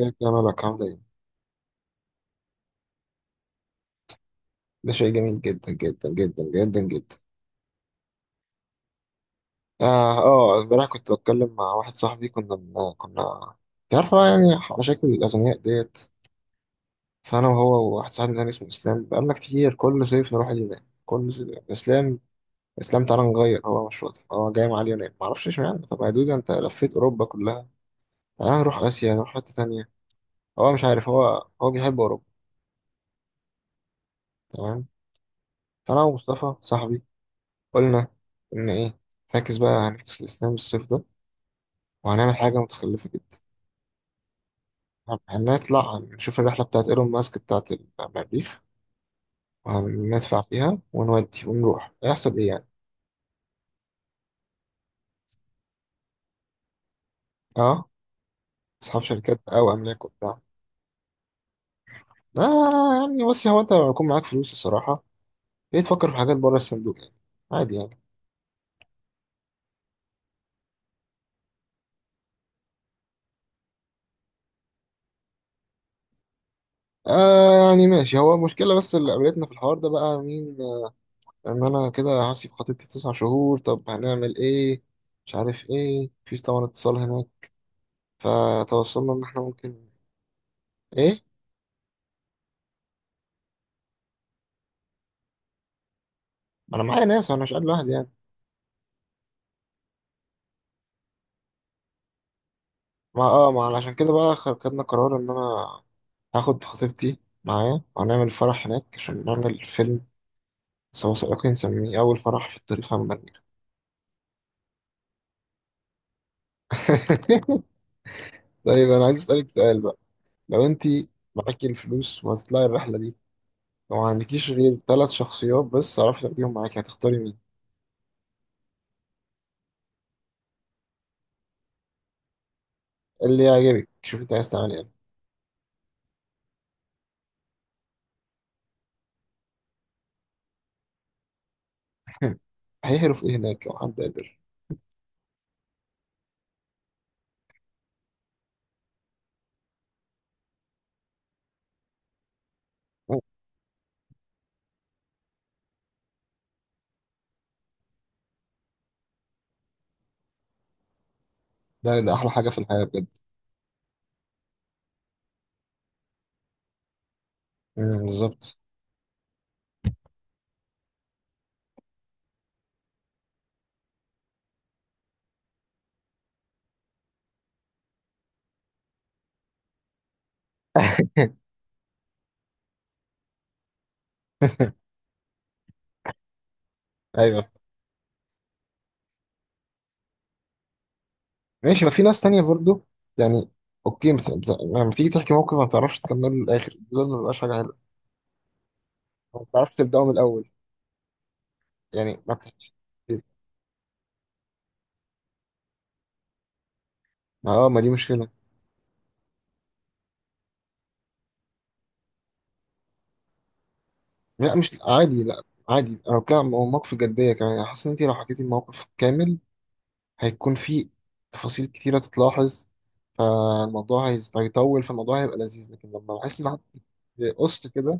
ازيك يا ملك عامل ايه؟ ده شيء جميل جدا جدا جدا جدا جدا. امبارح كنت بتكلم مع واحد صاحبي كنا، انت عارف بقى يعني، مشاكل الاغنياء ديت. فانا وهو وواحد صاحبي تاني اسمه اسلام، بقالنا كتير كل صيف نروح اليونان. كل صيف اسلام اسلام، تعالى نغير. هو مش راضي، هو جاي مع اليونان، معرفش اشمعنى. طب يا دود انت لفيت اوروبا كلها، تعالى نروح اسيا، نروح حته تانيه. هو مش عارف، هو بيحب اوروبا. تمام. فانا ومصطفى صاحبي قلنا ان ايه، فاكس بقى، هنفكس الاسلام الصيف ده وهنعمل حاجة متخلفة جدا. هنطلع نشوف الرحلة بتاعت ايلون ماسك، بتاعت المريخ. وهندفع فيها ونودي ونروح، هيحصل ايه يعني؟ اه، اصحاب شركات بقى واملاك وبتاع. لا يعني بص، هو انت لما يكون معاك فلوس الصراحة، ليه تفكر في حاجات بره الصندوق يعني؟ عادي يعني. آه يعني ماشي، هو المشكلة بس اللي قابلتنا في الحوار ده بقى مين، آه، ان انا كده هسيب خطيبتي تسع شهور، طب هنعمل ايه؟ مش عارف ايه، مفيش طبعا اتصال هناك. فتوصلنا ان احنا ممكن، ايه، انا معايا ناس، انا مش قاعد لوحدي يعني. ما أنا عشان كده بقى خدنا قرار ان انا هاخد خطيبتي معايا وهنعمل فرح هناك عشان نعمل فيلم سوا، سواقين، نسميه اول فرح في التاريخ المانيا. طيب انا عايز اسالك سؤال بقى، لو انت معاكي الفلوس وهتطلعي الرحله دي، وما عندكيش غير ثلاث شخصيات بس تعرفي تاخديهم معاكي، هتختاري مين؟ اللي يعجبك، شوفي انت عايز تعملي ايه. هيهرف ايه هناك لو حد قدر. ده ده احلى حاجه في الحياه بجد. أمم، بالظبط. ايوه، ماشي، ما في ناس تانية برضو يعني. اوكي، لما تيجي تحكي موقف ما بتعرفش تكمله للاخر، دول ما بيبقاش حاجة حلوة. ما بتعرفش تبدأه من الاول يعني، ما بتحكيش. ما دي مشكلة. لا مش عادي، لا عادي، انا بتكلم عن مواقف جدية كمان يعني. حاسس ان انت لو حكيتي الموقف كامل هيكون في تفاصيل كتيرة تتلاحظ، فالموضوع هيطول، فالموضوع هيبقى لذيذ. لكن لما بحس ان حد بيقص كده،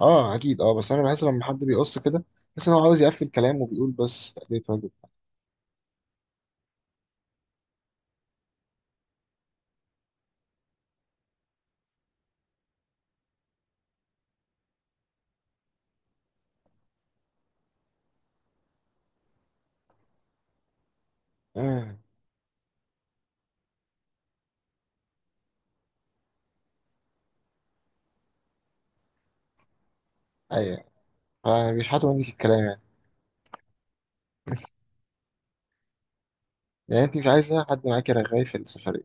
اه اكيد، اه بس انا بحس لما حد بيقص كده، بحس ان هو عاوز يقفل كلام وبيقول بس تأديت واجب. آه. ايوه. فبيشحتوا منك الكلام يعني. يعني انت مش عايزة حد معاكي رغاي في السفرية.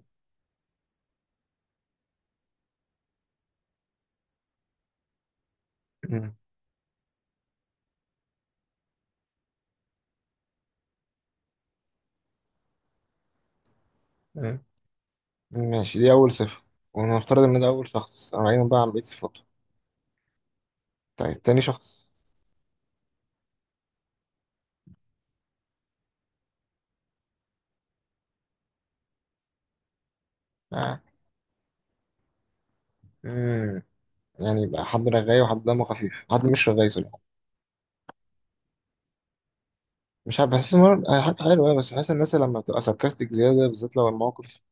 مم. مم. ماشي، دي أول صفة، ونفترض إن ده أول شخص راينا بقى، عن بقية صفاته؟ طيب تاني شخص. آه. مم. يعني يبقى حد رغاي، وحد دمه خفيف، حد مش رغاي صراحة. مش عارف، بحس مرة حاجة حلوة، بس بحس الناس لما بتبقى ساركاستيك زيادة، بالذات لو الموقف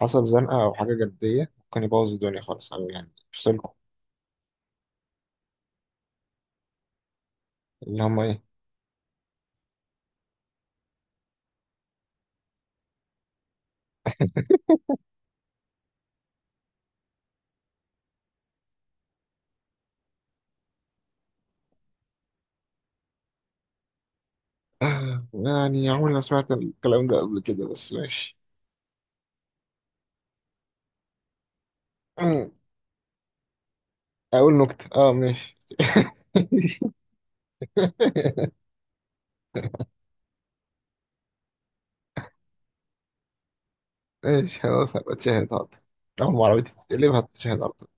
حصل زنقة أو حاجة جدية، ممكن يبوظ الدنيا خالص، أو يعني يفصلكم. اللي هما إيه؟ آه، يعني عمري ما سمعت الكلام ده قبل كده، بس ماشي. اقول نكتة اه ماشي. ماشي خلاص، هبقى اتشهد حاضر. اول ما عربيتي تتقلب هتتشهد على طول.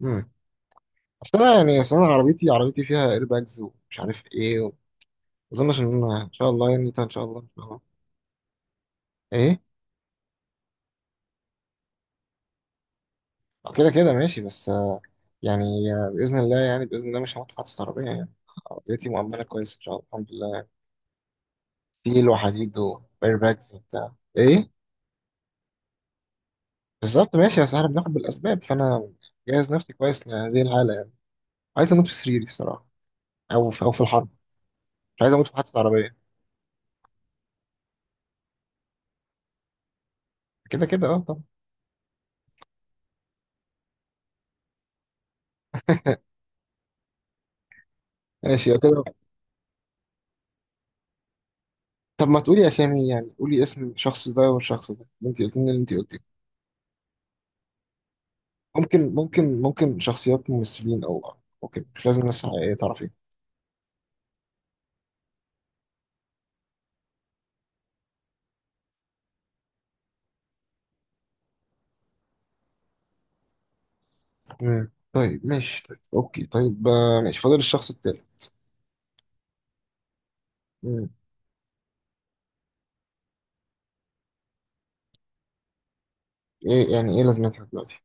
مم. اصل انا يعني، اصل انا عربيتي، عربيتي فيها ايرباجز ومش عارف ايه و... اظنش ان انا ان شاء الله يعني، إنت ان شاء الله ان شاء الله. ايه؟ آه، كده كده ماشي بس، آه، يعني، آه، باذن الله يعني، باذن الله مش هدفع استرابيه يعني، عربيتي مؤمنه كويس ان شاء الله الحمد لله. ستيل وحديد وايرباجز وبتاع ايه. بالظبط ماشي، بس احنا بناخد بالاسباب. فانا جاهز نفسي كويس لهذه الحاله يعني. عايز اموت في سريري الصراحه، او في، او في الحرب. مش عايز اموت في محطه عربيه. كده كده اه، طب ماشي، يبقى كده. طب ما تقولي اسامي يعني، قولي اسم الشخص ده والشخص ده اللي انت قلت لي، اللي انت قلتيه. ممكن شخصيات ممثلين او، اوكي مش لازم ناس حقيقيه تعرفين. مم. طيب ماشي، طيب اوكي، طيب آه، ماشي، فاضل الشخص التالت. مم. ايه يعني؟ ايه لازمتها دلوقتي؟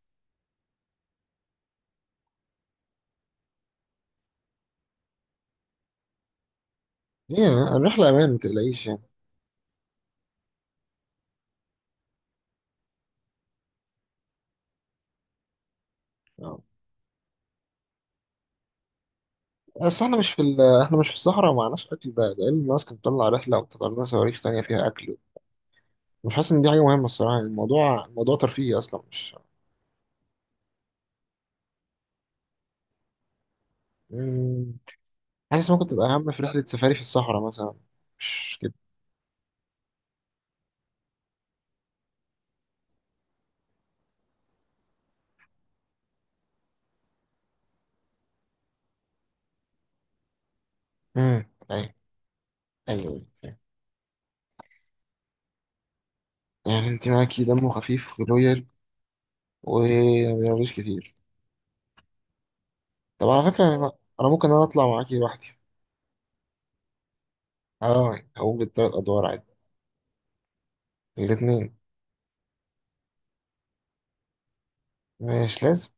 ايه الرحله امان، ما تقلقيش يعني. آه. بس احنا مش في احنا مش في الصحراء، ومعناش اكل بقى لان الناس كانت بتطلع رحله وتطلع لنا صواريخ تانيه فيها اكل. مش حاسس ان دي حاجه مهمه الصراحه، يعني الموضوع موضوع ترفيهي اصلا مش. مم. حاسس ممكن تبقى اهم في رحله سفاري في الصحراء مثلا. مش كده. امم، ايوه. ايوه. أيوة. يعني انت معاكي دمه خفيف ولويال وما بيعملوش كتير. طب على فكره انا، أنا ممكن اطلع معاكي لوحدي. اه هقوم بالثلاث ادوار عادي. الاثنين. مش لازم،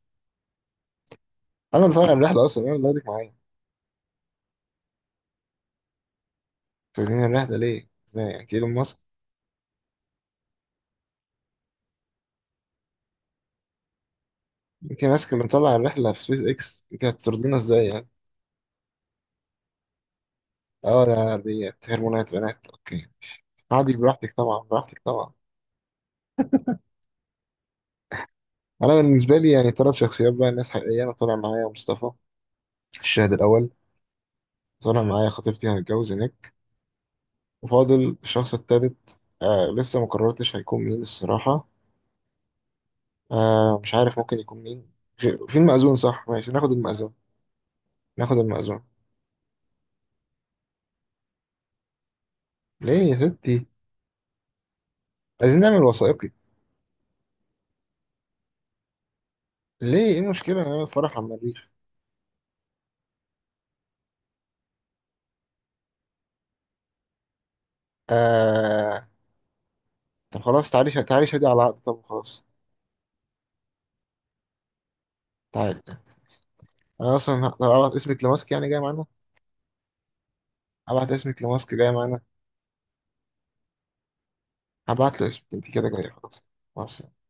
انا اللي طالع الرحله اصلا، انا اللي واخدك معايا. توديني الرحله ليه؟ ازاي يعني؟ انت ايلون ماسك؟ انت ماسك اللي مطلع الرحله في سبيس اكس، انت هتطردينا ازاي يعني؟ اه ده دي هرمونات بنات، اوكي ماشي. عادي براحتك طبعا، براحتك طبعا. انا بالنسبه لي يعني ثلاث شخصيات بقى، ناس حقيقيه، انا طالع معايا مصطفى الشاهد الاول، طالع معايا خطيبتي هنتجوز هناك، وفاضل الشخص الثالث. آه لسه ما قررتش هيكون مين الصراحه. آه مش عارف ممكن يكون مين. في المأذون، صح ماشي، ناخد المأذون. ناخد المأذون. ليه يا ستي؟ عايزين نعمل وثائقي. ليه؟ ايه المشكله نعمل فرح على المريخ؟ آه، طب خلاص تعالي، تعالي شادي على العقد، طب خلاص تعالي. انا اصلا لو أبعت اسمك لماسك يعني جاي معانا. هبعت اسمك لماسك جاي معانا. هبعت له اسمك انت كده جايه خلاص. مع السلامة.